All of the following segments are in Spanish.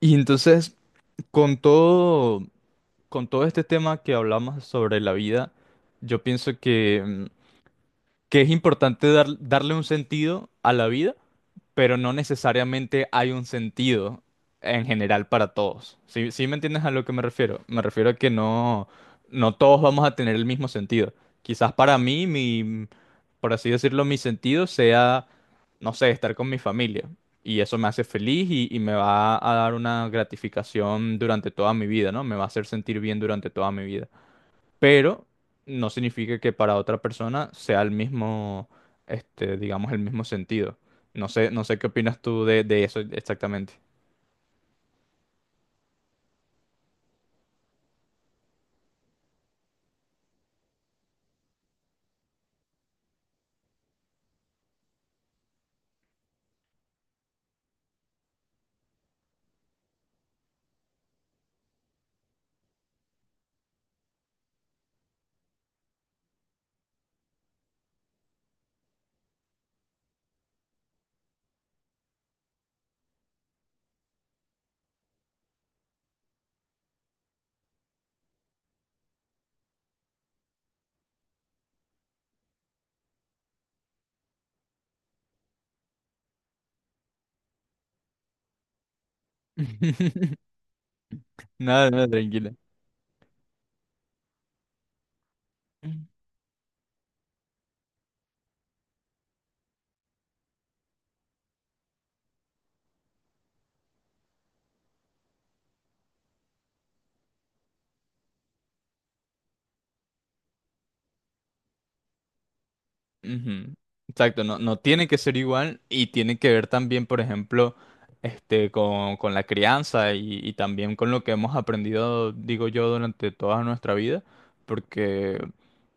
Y entonces, con todo, con todo este tema que hablamos sobre la vida, yo pienso que es importante darle un sentido a la vida pero no necesariamente hay un sentido en general para todos. ¿Sí, sí me entiendes a lo que me refiero? Me refiero a que no, no todos vamos a tener el mismo sentido. Quizás para mí, mi, por así decirlo, mi sentido sea, no sé, estar con mi familia. Y eso me hace feliz y me va a dar una gratificación durante toda mi vida, ¿no? Me va a hacer sentir bien durante toda mi vida pero no significa que para otra persona sea el mismo, digamos, el mismo sentido. No sé, no sé qué opinas tú de eso exactamente. Nada, nada, tranquila. Ujú. Exacto, no, no tiene que ser igual y tiene que ver también, por ejemplo, este, con la crianza y también con lo que hemos aprendido, digo yo, durante toda nuestra vida, porque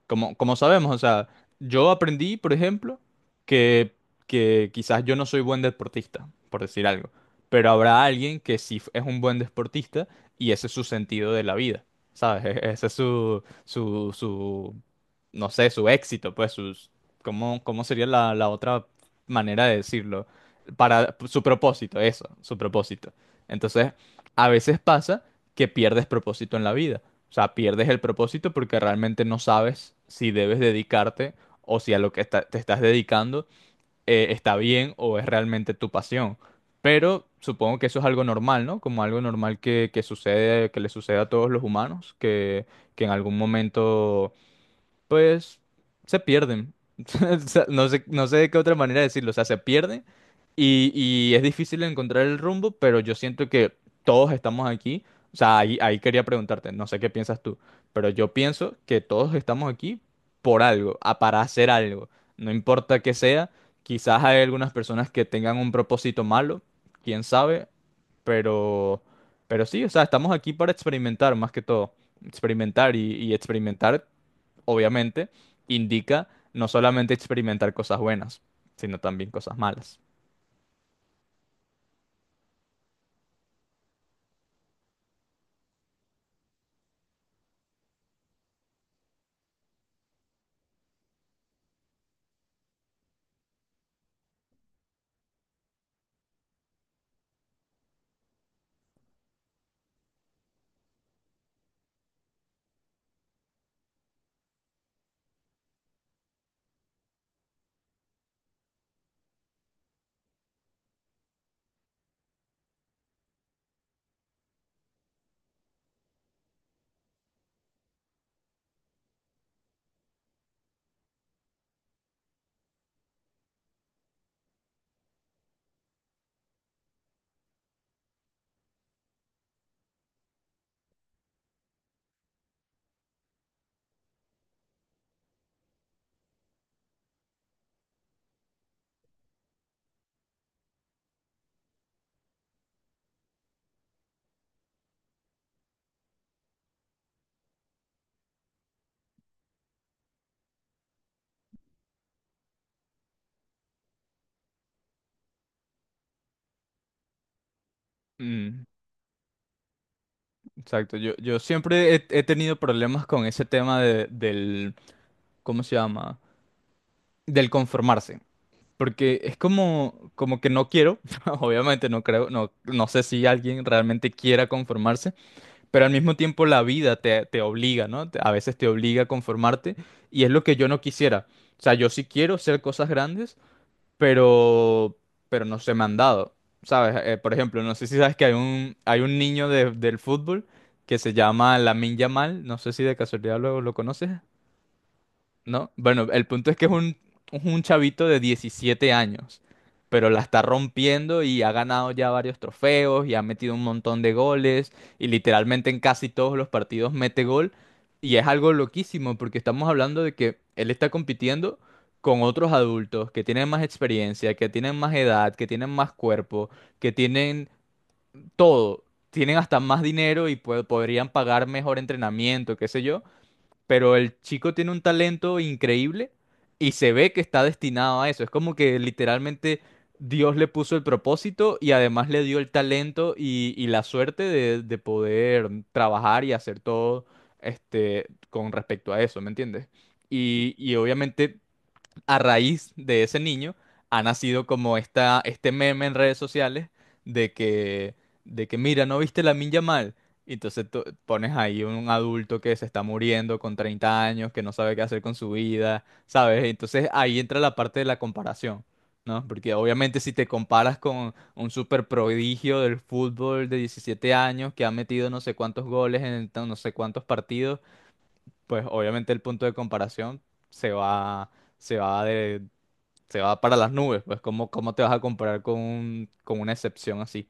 como sabemos, o sea, yo aprendí, por ejemplo, que, que quizás yo no soy buen deportista, por decir algo, pero habrá alguien que sí es un buen deportista y ese es su sentido de la vida, ¿sabes? E- Ese es su, no sé, su éxito, pues, sus, ¿cómo sería la otra manera de decirlo? Para su propósito, eso, su propósito. Entonces, a veces pasa que pierdes propósito en la vida. O sea, pierdes el propósito porque realmente no sabes si debes dedicarte o si a lo que te estás dedicando está bien o es realmente tu pasión. Pero supongo que eso es algo normal, ¿no? Como algo normal que sucede, que le sucede a todos los humanos, que en algún momento pues se pierden. O sea, no sé, no sé de qué otra manera decirlo, o sea, se pierden y es difícil encontrar el rumbo, pero yo siento que todos estamos aquí. O sea, ahí quería preguntarte, no sé qué piensas tú, pero yo pienso que todos estamos aquí por algo, para hacer algo, no importa qué sea, quizás hay algunas personas que tengan un propósito malo, quién sabe, pero, pero sí, o sea, estamos aquí para experimentar más que todo, experimentar y experimentar obviamente, indica no solamente experimentar cosas buenas, sino también cosas malas. Mm, exacto, yo siempre he tenido problemas con ese tema del, ¿cómo se llama? Del conformarse. Porque es como, como que no quiero, obviamente no creo, no, no sé si alguien realmente quiera conformarse, pero al mismo tiempo la vida te obliga, ¿no? Te- A veces te obliga a conformarte y es lo que yo no quisiera. O sea, yo sí quiero hacer cosas grandes, pero, pero no se me han dado, ¿sabes? Por ejemplo, no sé si sabes que hay un niño del fútbol que se llama Lamine Yamal, no sé si de casualidad lo conoces. ¿No? Bueno, el punto es que es un chavito de 17 años, pero la está rompiendo y ha ganado ya varios trofeos y ha metido un montón de goles y literalmente en casi todos los partidos mete gol y es algo loquísimo porque estamos hablando de que él está compitiendo con otros adultos que tienen más experiencia, que tienen más edad, que tienen más cuerpo, que tienen todo. Tienen hasta más dinero y podrían pagar mejor entrenamiento, qué sé yo, pero el chico tiene un talento increíble y se ve que está destinado a eso. Es como que literalmente Dios le puso el propósito y además le dio el talento y la suerte de poder trabajar y hacer todo este, con respecto a eso, ¿me entiendes? Y obviamente a raíz de ese niño ha nacido como este meme en redes sociales de que, mira, ¿no viste la Minja mal? Y entonces tú pones ahí un adulto que se está muriendo con 30 años, que no sabe qué hacer con su vida, ¿sabes? Entonces ahí entra la parte de la comparación, ¿no? Porque obviamente si te comparas con un super prodigio del fútbol de 17 años que ha metido no sé cuántos goles en tan- no sé cuántos partidos, pues obviamente el punto de comparación se va, se va de- se va para las nubes, pues ¿cómo, cómo te vas a comparar con, con una excepción así?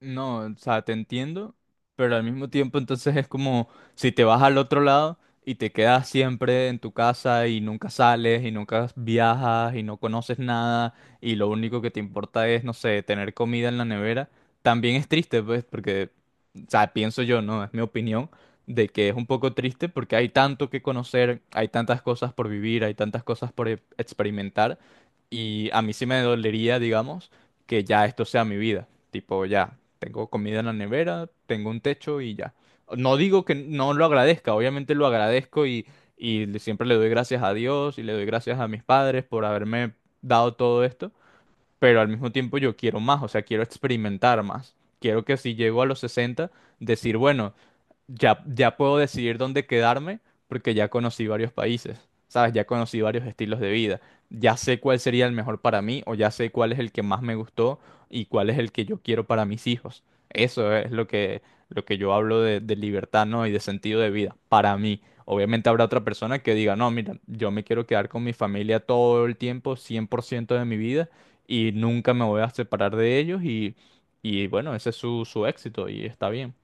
No, o sea, te entiendo, pero al mismo tiempo entonces es como si te vas al otro lado y te quedas siempre en tu casa y nunca sales y nunca viajas y no conoces nada y lo único que te importa es, no sé, tener comida en la nevera, también es triste, pues, porque, o sea, pienso yo, ¿no? Es mi opinión de que es un poco triste porque hay tanto que conocer, hay tantas cosas por vivir, hay tantas cosas por experimentar y a mí sí me dolería, digamos que ya esto sea mi vida. Tipo, ya, tengo comida en la nevera, tengo un techo y ya. No digo que no lo agradezca, obviamente lo agradezco y siempre le doy gracias a Dios y le doy gracias a mis padres por haberme dado todo esto, pero al mismo tiempo yo quiero más, o sea, quiero experimentar más. Quiero que si llego a los 60, decir, bueno, ya, ya puedo decidir dónde quedarme porque ya conocí varios países, ¿sabes? Ya conocí varios estilos de vida. Ya sé cuál sería el mejor para mí o ya sé cuál es el que más me gustó y cuál es el que yo quiero para mis hijos. Eso es lo que yo hablo de libertad, ¿no? Y de sentido de vida para mí. Obviamente habrá otra persona que diga, no, mira, yo me quiero quedar con mi familia todo el tiempo, 100% de mi vida y nunca me voy a separar de ellos y bueno, ese es su, su éxito y está bien.